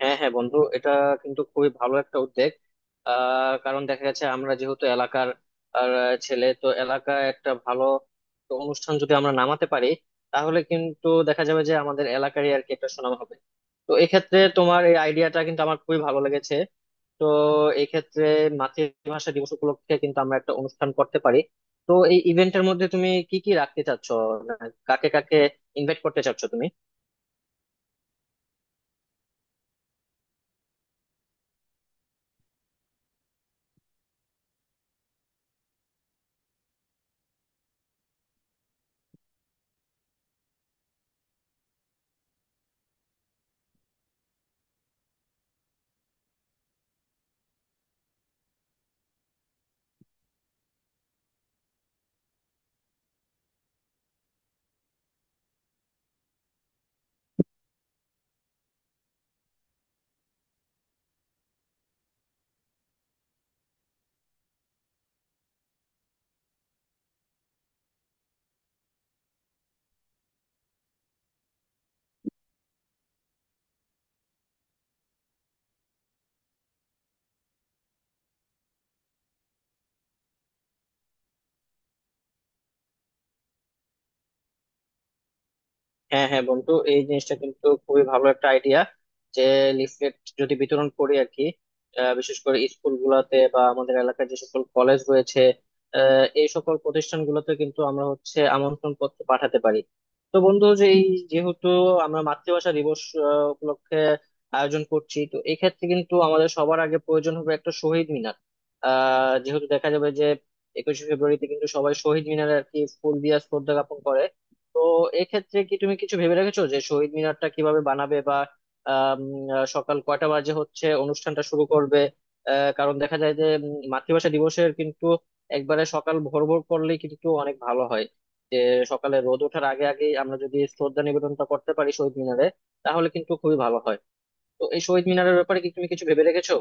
হ্যাঁ হ্যাঁ বন্ধু, এটা কিন্তু খুবই ভালো একটা উদ্যোগ। কারণ দেখা যাচ্ছে আমরা যেহেতু এলাকার ছেলে, তো এলাকায় একটা ভালো তো অনুষ্ঠান যদি আমরা নামাতে পারি, তাহলে কিন্তু দেখা যাবে যে আমাদের এলাকারই আর কি একটা সুনাম হবে। তো এক্ষেত্রে তোমার এই আইডিয়াটা কিন্তু আমার খুবই ভালো লেগেছে। তো এক্ষেত্রে মাতৃভাষা দিবস উপলক্ষে কিন্তু আমরা একটা অনুষ্ঠান করতে পারি। তো এই ইভেন্টের মধ্যে তুমি কি কি রাখতে চাচ্ছ? মানে কাকে কাকে ইনভাইট করতে চাচ্ছ তুমি? হ্যাঁ হ্যাঁ বন্ধু, এই জিনিসটা কিন্তু খুবই ভালো একটা আইডিয়া, যে লিফলেট যদি বিতরণ করি আর কি। বিশেষ করে স্কুল গুলাতে বা আমাদের এলাকার যে সকল কলেজ রয়েছে, এই সকল প্রতিষ্ঠানগুলোতে কিন্তু আমরা হচ্ছে আমন্ত্রণ পত্র পাঠাতে পারি। তো বন্ধু, যে এই যেহেতু আমরা মাতৃভাষা দিবস উপলক্ষে আয়োজন করছি, তো এই ক্ষেত্রে কিন্তু আমাদের সবার আগে প্রয়োজন হবে একটা শহীদ মিনার। যেহেতু দেখা যাবে যে একুশে ফেব্রুয়ারিতে কিন্তু সবাই শহীদ মিনারে আর কি ফুল দিয়ে শ্রদ্ধা জ্ঞাপন করে। তো এক্ষেত্রে কি তুমি কিছু ভেবে রেখেছো যে শহীদ মিনারটা কিভাবে বানাবে বা আম, সকাল কয়টা বাজে হচ্ছে অনুষ্ঠানটা শুরু করবে? কারণ দেখা যায় যে মাতৃভাষা দিবসের কিন্তু একবারে সকাল ভোর ভোর করলেই কিন্তু অনেক ভালো হয়, যে সকালে রোদ ওঠার আগে আগেই আমরা যদি শ্রদ্ধা নিবেদনটা করতে পারি শহীদ মিনারে, তাহলে কিন্তু খুবই ভালো হয়। তো এই শহীদ মিনারের ব্যাপারে কি তুমি কিছু ভেবে রেখেছো?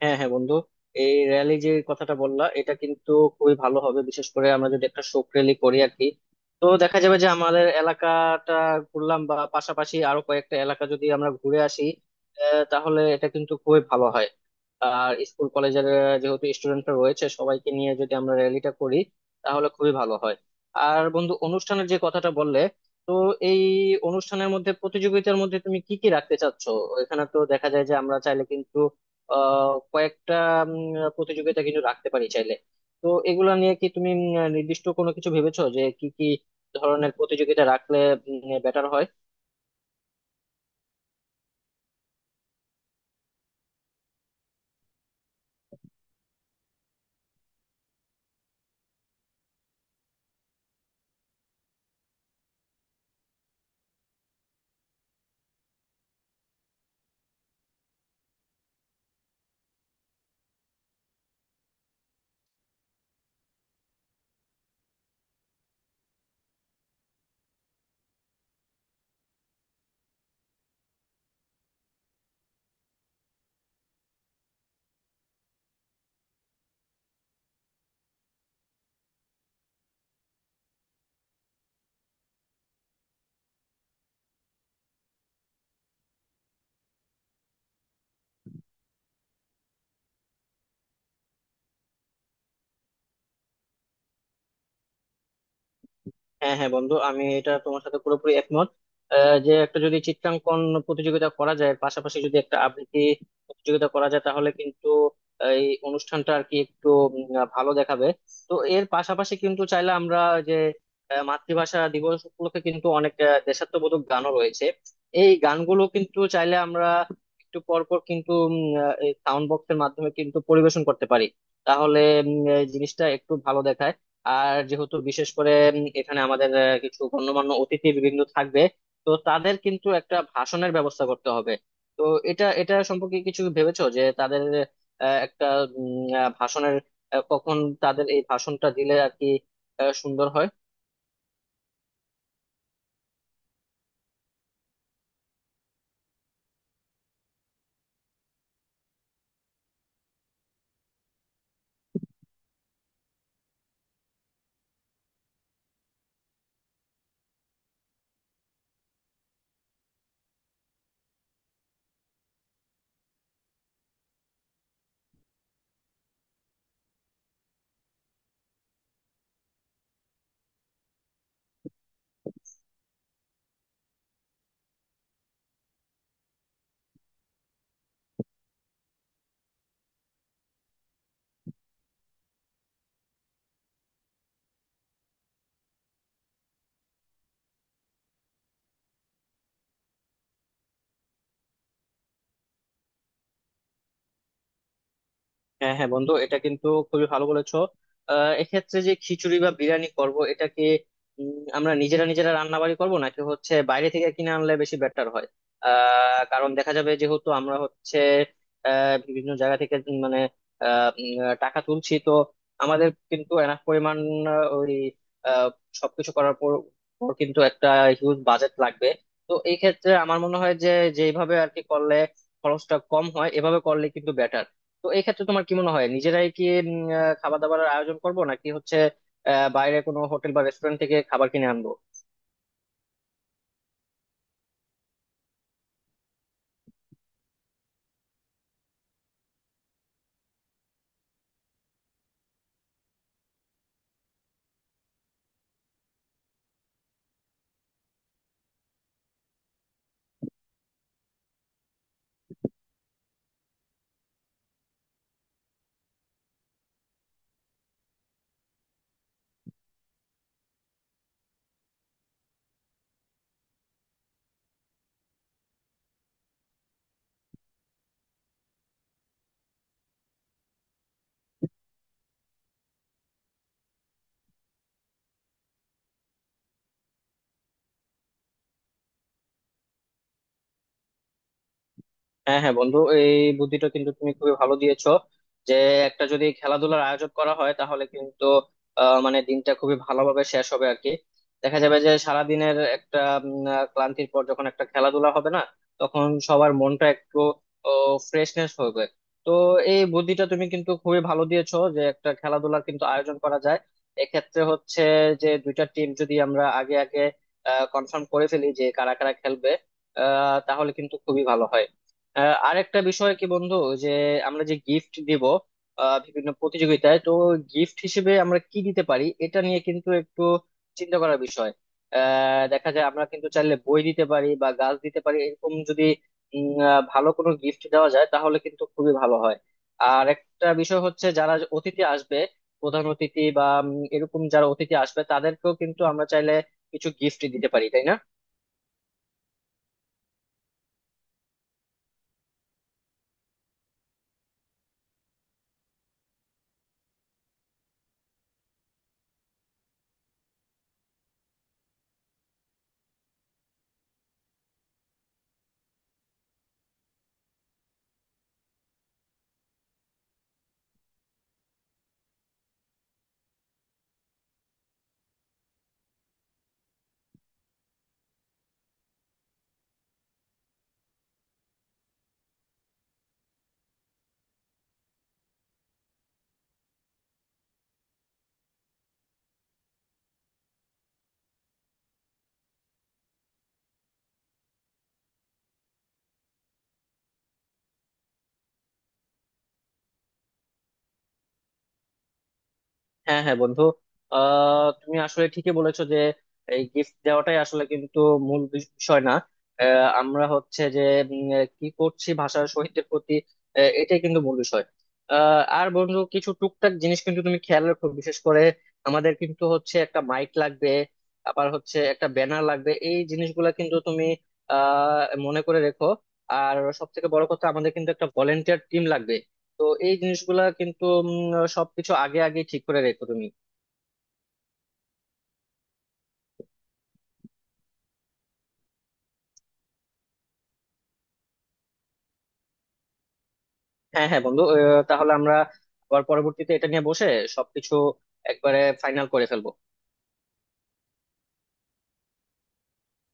হ্যাঁ হ্যাঁ বন্ধু, এই র্যালি যে কথাটা বললা, এটা কিন্তু খুবই ভালো হবে, বিশেষ করে আমরা যদি একটা শোক র্যালি করি আর কি। তো দেখা যাবে যে আমাদের এলাকাটা ঘুরলাম বা পাশাপাশি আরো কয়েকটা এলাকা যদি আমরা ঘুরে আসি, তাহলে এটা কিন্তু খুবই ভালো হয়। আর স্কুল কলেজের যেহেতু স্টুডেন্টরা রয়েছে, সবাইকে নিয়ে যদি আমরা র্যালিটা করি, তাহলে খুবই ভালো হয়। আর বন্ধু, অনুষ্ঠানের যে কথাটা বললে, তো এই অনুষ্ঠানের মধ্যে, প্রতিযোগিতার মধ্যে তুমি কি কি রাখতে চাচ্ছ? এখানে তো দেখা যায় যে আমরা চাইলে কিন্তু কয়েকটা উম, প্রতিযোগিতা কিন্তু রাখতে পারি চাইলে। তো এগুলা নিয়ে কি তুমি নির্দিষ্ট কোনো কিছু ভেবেছো যে কি কি ধরনের প্রতিযোগিতা রাখলে বেটার হয়? হ্যাঁ হ্যাঁ বন্ধু, আমি এটা তোমার সাথে পুরোপুরি একমত। যে একটা যদি চিত্রাঙ্কন প্রতিযোগিতা করা যায়, পাশাপাশি যদি একটা আবৃত্তি প্রতিযোগিতা করা যায়, তাহলে কিন্তু এই অনুষ্ঠানটা আর কি একটু ভালো দেখাবে। তো এর পাশাপাশি কিন্তু চাইলে আমরা, যে মাতৃভাষা দিবস উপলক্ষে কিন্তু অনেক দেশাত্মবোধক গানও রয়েছে, এই গানগুলো কিন্তু চাইলে আমরা একটু পর পর কিন্তু এই সাউন্ড বক্সের মাধ্যমে কিন্তু পরিবেশন করতে পারি। তাহলে এই জিনিসটা একটু ভালো দেখায়। আর যেহেতু বিশেষ করে এখানে আমাদের কিছু গণ্যমান্য অতিথি বিভিন্ন থাকবে, তো তাদের কিন্তু একটা ভাষণের ব্যবস্থা করতে হবে। তো এটা এটা সম্পর্কে কিছু ভেবেছো যে তাদের একটা ভাষণের কখন তাদের এই ভাষণটা দিলে আর কি সুন্দর হয়? হ্যাঁ হ্যাঁ বন্ধু, এটা কিন্তু খুবই ভালো বলেছো। এক্ষেত্রে যে খিচুড়ি বা বিরিয়ানি করব, এটা কি আমরা নিজেরা নিজেরা রান্না বাড়ি করবো নাকি হচ্ছে বাইরে থেকে কিনে আনলে বেশি বেটার হয়? কারণ দেখা যাবে যেহেতু আমরা হচ্ছে বিভিন্ন জায়গা থেকে মানে টাকা তুলছি, তো আমাদের কিন্তু এনাফ পরিমাণ আহ, ওই আহ সবকিছু করার পর পর কিন্তু একটা হিউজ বাজেট লাগবে। তো এই ক্ষেত্রে আমার মনে হয় যে যেভাবে আর কি করলে খরচটা কম হয়, এভাবে করলে কিন্তু বেটার। তো এই ক্ষেত্রে তোমার কি মনে হয়, নিজেরাই কি খাবার দাবার আয়োজন করব নাকি হচ্ছে বাইরে কোনো হোটেল বা রেস্টুরেন্ট থেকে খাবার কিনে আনবো? হ্যাঁ হ্যাঁ বন্ধু, এই বুদ্ধিটা কিন্তু তুমি খুবই ভালো দিয়েছো, যে একটা যদি খেলাধুলার আয়োজন করা হয়, তাহলে কিন্তু মানে দিনটা খুবই ভালোভাবে শেষ হবে আর কি। দেখা যাবে যে সারাদিনের একটা ক্লান্তির পর যখন একটা খেলাধুলা হবে না, তখন সবার মনটা একটু ফ্রেশনেস হবে। তো এই বুদ্ধিটা তুমি কিন্তু খুবই ভালো দিয়েছো, যে একটা খেলাধুলা কিন্তু আয়োজন করা যায়। এক্ষেত্রে হচ্ছে যে দুইটা টিম যদি আমরা আগে আগে কনফার্ম করে ফেলি যে কারা কারা খেলবে, তাহলে কিন্তু খুবই ভালো হয়। আরেকটা বিষয় কি বন্ধু, যে আমরা যে গিফট দিব বিভিন্ন প্রতিযোগিতায়, তো গিফট হিসেবে আমরা কি দিতে পারি, এটা নিয়ে কিন্তু একটু চিন্তা করার বিষয়। দেখা যায় আমরা কিন্তু চাইলে বই দিতে পারি বা গাছ দিতে পারি, এরকম যদি ভালো কোনো গিফট দেওয়া যায়, তাহলে কিন্তু খুবই ভালো হয়। আর একটা বিষয় হচ্ছে, যারা যে অতিথি আসবে, প্রধান অতিথি বা এরকম যারা অতিথি আসবে, তাদেরকেও কিন্তু আমরা চাইলে কিছু গিফট দিতে পারি, তাই না? হ্যাঁ হ্যাঁ বন্ধু, তুমি আসলে ঠিকই বলেছো যে এই গিফট দেওয়াটাই আসলে কিন্তু মূল বিষয় না। আমরা হচ্ছে যে কি করছি ভাষার শহীদদের প্রতি, এটাই কিন্তু মূল বিষয়। আর বন্ধু, কিছু টুকটাক জিনিস কিন্তু তুমি খেয়াল রাখো। বিশেষ করে আমাদের কিন্তু হচ্ছে একটা মাইক লাগবে, আবার হচ্ছে একটা ব্যানার লাগবে, এই জিনিসগুলা কিন্তু তুমি আহ মনে করে রেখো। আর সব থেকে বড় কথা, আমাদের কিন্তু একটা ভলেন্টিয়ার টিম লাগবে। তো এই জিনিসগুলা কিন্তু সবকিছু আগে আগে ঠিক করে রেখো তুমি। হ্যাঁ হ্যাঁ বন্ধু, তাহলে আমরা আবার পরবর্তীতে এটা নিয়ে বসে সবকিছু একবারে ফাইনাল করে ফেলবো।